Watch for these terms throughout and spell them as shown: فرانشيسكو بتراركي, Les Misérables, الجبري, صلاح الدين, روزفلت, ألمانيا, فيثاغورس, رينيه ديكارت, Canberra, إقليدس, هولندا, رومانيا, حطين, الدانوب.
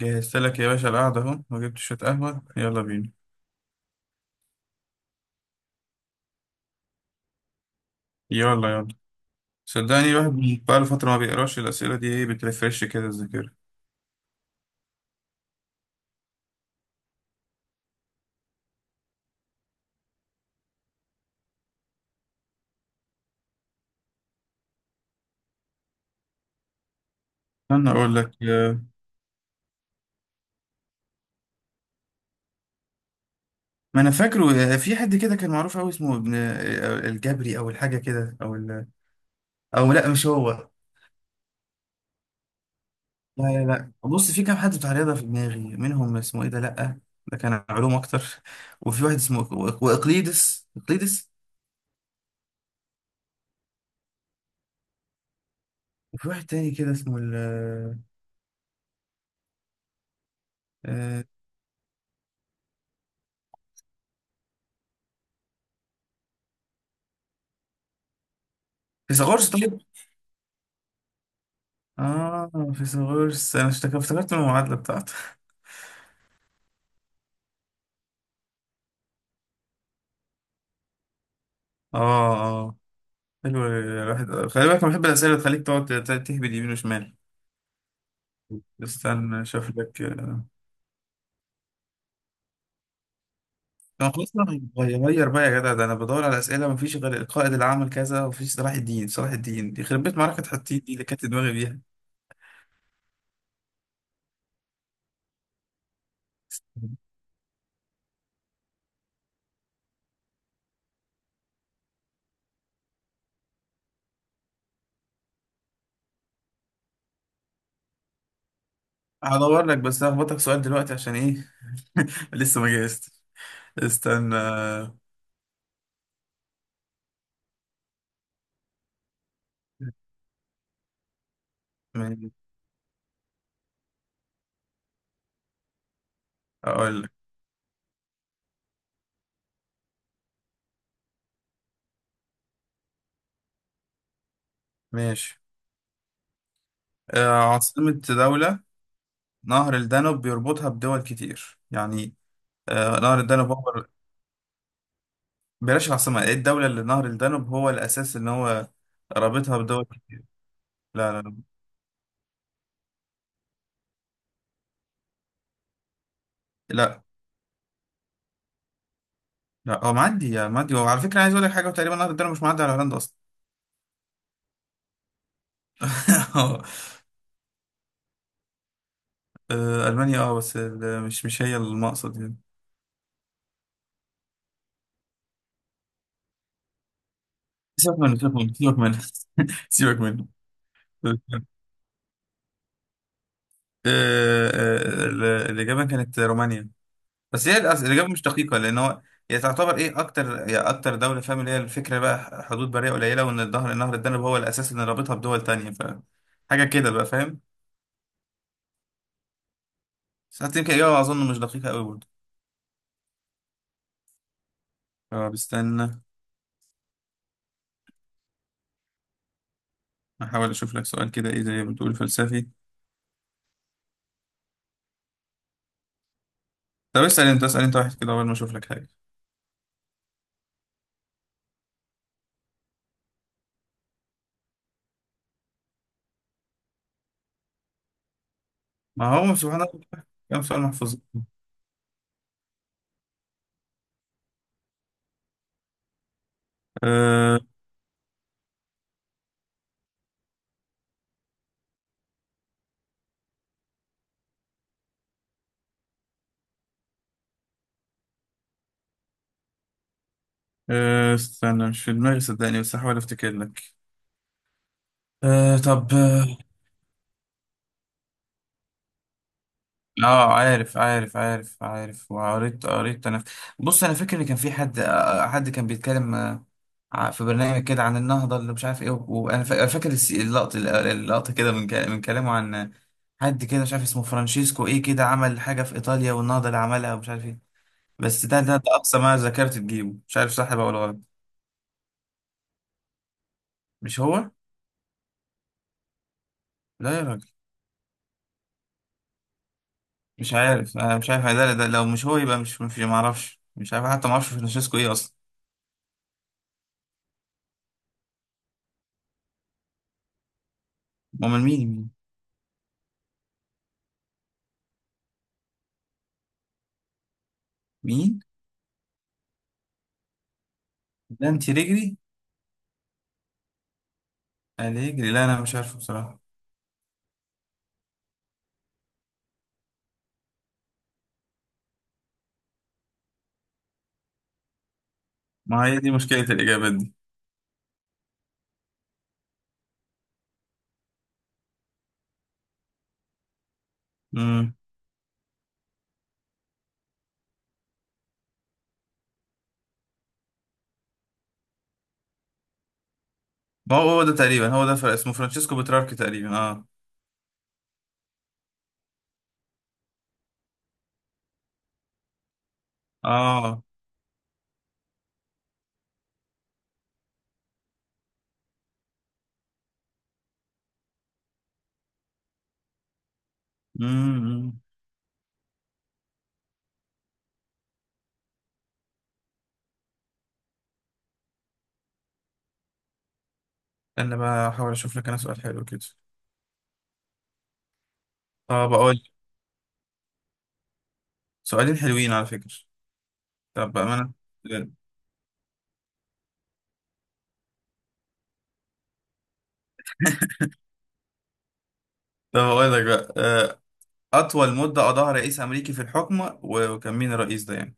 جهزت لك يا باشا، القعدة أهو وجبت شوية قهوة، يلا بينا. يلا يلا. صدقني الواحد بقاله فترة ما بيقراش الأسئلة دي. إيه بترفرش كده الذاكرة؟ أنا أقول لك. ما أنا فاكره. في حد كده كان معروف أوي اسمه ابن الجبري أو الحاجة كده أو لأ، مش هو. لا لا لا، بص، في كام حد بتاع رياضة في دماغي، منهم اسمه إيه ده؟ لأ، ده كان علوم أكتر. وفي واحد اسمه وإقليدس إقليدس. وفي واحد تاني كده اسمه ال آه، آه، فيثاغورس. طيب. اه، فيثاغورس، افتكرت من المعادله بتاعته. اه اه. حلو. الواحد خلي بالك، انا بحب الاسئله اللي تخليك تقعد تهبد يمين وشمال. استنى اشوف لك. طب خلاص. أنا غير بقى يا جدع، ده انا بدور على اسئله مفيش غير القائد اللي عمل كذا، ومفيش صلاح الدين. صلاح الدين دي خربت، معركه حطين دي اللي كانت دماغي بيها. هدور لك، بس هخبطك سؤال دلوقتي عشان ايه. لسه ما جهزت. استنى. ماشي. اقول لك. ماشي. عاصمة دولة نهر الدانوب بيربطها بدول كتير يعني. نهر الدانوب هو... بلاش العاصمة، ايه الدولة اللي نهر الدانوب هو الأساس إن هو رابطها بدول كتير؟ لا لا لا. لا. لا، هو معدي يا معدي، وعلى فكرة عايز أقول لك حاجة، وتقريبا نهر الدانوب مش معدي على هولندا أصلا. ألمانيا، أه، مش هي المقصد يعني. سيبك منه، سيبك منه، سيبك منه. سيبك منه. آه، الإجابة كانت رومانيا. بس هي الاجابه مش دقيقه، لان هو هي تعتبر ايه اكتر. هي اكتر دوله، فاهم، اللي هي الفكره بقى حدود بريه قليله، وان النهر الدانوب هو الاساس اللي رابطها بدول تانية، ف حاجه كده بقى، فاهم. بس حتى يمكن اجابه اظن مش دقيقه قوي برضه. اه بستنى. احاول اشوف لك سؤال كده ايه زي ما بتقول فلسفي. طب اسال انت، اسال انت واحد كده قبل ما اشوف لك حاجه. ما هو سبحان الله، كام سؤال محفوظ. أه أه. استنى، مش في دماغي صدقني، بس هحاول افتكر لك. أه، طب. اه، عارف عارف عارف عارف، وقريت قريت انا. بص انا فاكر ان كان في حد كان في برنامج كده عن النهضه اللي مش عارف ايه، وانا فاكر اللقطه. اللقطه كده من من كلامه عن حد كده مش عارف اسمه فرانشيسكو ايه كده، عمل حاجه في ايطاليا والنهضه اللي عملها، ومش عارف ايه. بس ده اقصى ما ذاكرت تجيبه، مش عارف صح بقى ولا غلط. مش هو. لا يا راجل. مش عارف، انا مش عارف، ده لو مش هو يبقى مش ما اعرفش، مش عارف، حتى ما اعرفش فرانشيسكو ايه اصلا. امال مين؟ مين؟ ده انت رجلي. الرجلي، لا انا مش عارفه بصراحه. ما هي دي مشكله الاجابات دي. امم. ما هو هو ده تقريبا. هو ده، فرق اسمه فرانشيسكو بتراركي تقريبا، اه. اه. امم. انا بقى احاول اشوف لك انا سؤال حلو كده. طب اقول لك. سؤالين حلوين على فكره. طب بامانه، بجد. طب اقول لك بقى، اطول مده قضاها رئيس امريكي في الحكم، وكان مين الرئيس ده يعني؟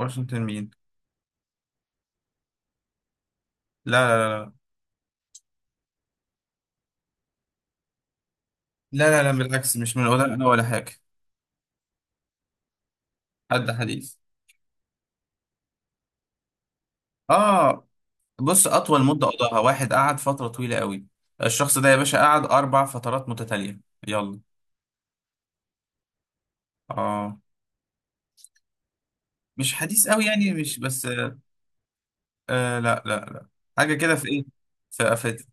واشنطن مين؟ لا لا لا. لا، بالعكس، مش من، ولا انا ولا حاجه. حد حديث. اه، بص، أطول مدة قضاها واحد قعد فترة طويلة قوي. الشخص ده يا باشا قعد 4 فترات متتالية. يلا. آه، مش حديث قوي يعني، مش بس، آه. آه، لا لا لا، حاجة كده. في إيه؟ في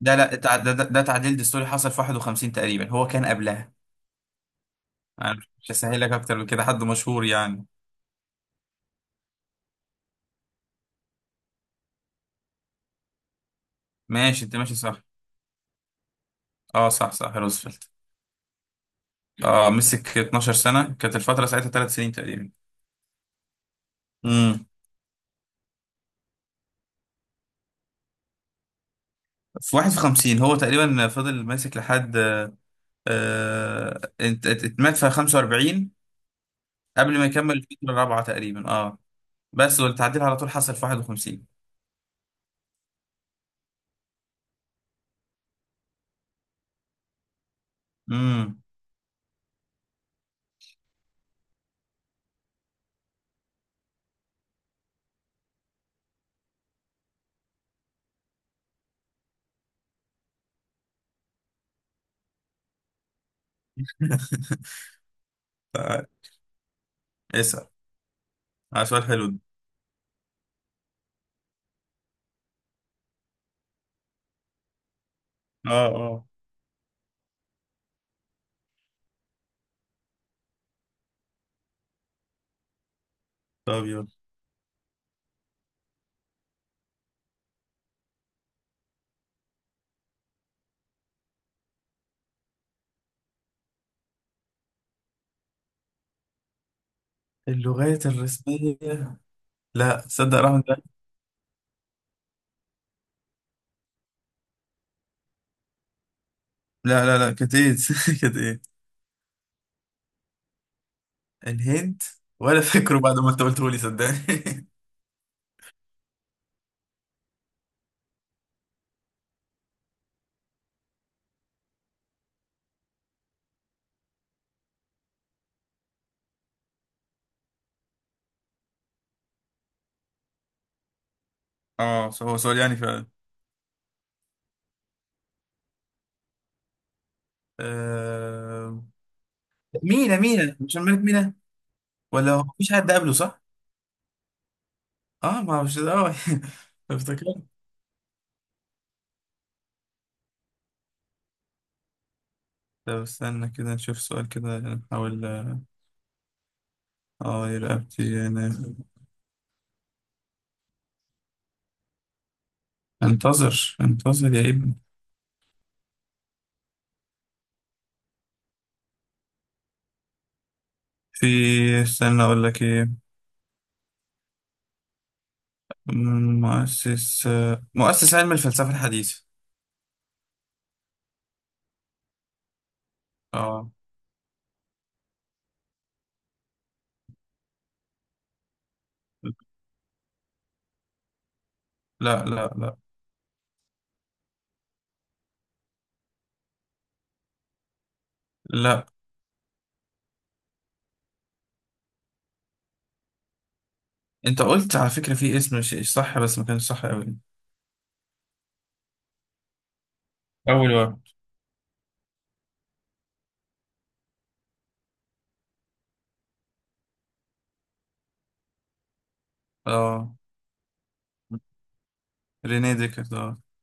ده لا تع- ده, ده, ده تعديل دستوري حصل في 51 تقريبا، هو كان قبلها. أنا مش هسهل لك أكتر من كده، حد مشهور يعني. ماشي، أنت ماشي صح. آه، صح صح، روزفلت. آه، مسك 12 سنة، كانت الفترة ساعتها 3 سنين تقريبا. امم. في 51 هو تقريبا فضل ماسك لحد، اتمات في 45 قبل ما يكمل الفترة الـ4 تقريبا، اه. بس والتعديل على طول حصل في 51. امم. ف- اسأل. سؤال حلو ده. اه اه. طب يلا. اللغات الرسمية. لا، صدق رحمة الله. لا لا لا، كانت ايه؟ كانت ايه؟ الهند. ولا فاكره بعد ما انت قلته لي صدقني. اه، هو سؤال يعني فعلا. آه... مينا. مينا، مش الملك مينا. ولا هو مفيش حد قبله، صح؟ اه، ما هو مش اه. افتكرت. طب استنى كده نشوف سؤال كده نحاول. اه يا رقبتي يعني. انتظر انتظر يا ابني. في. استنى اقول لك ايه. مؤسس. مؤسس علم الفلسفة الحديثة. اه. لا لا لا. لا. انت قلت على فكرة في اسم مش صح، بس ما كانش صح قوي. اول واحد. اه، رينيه ديكارت آه.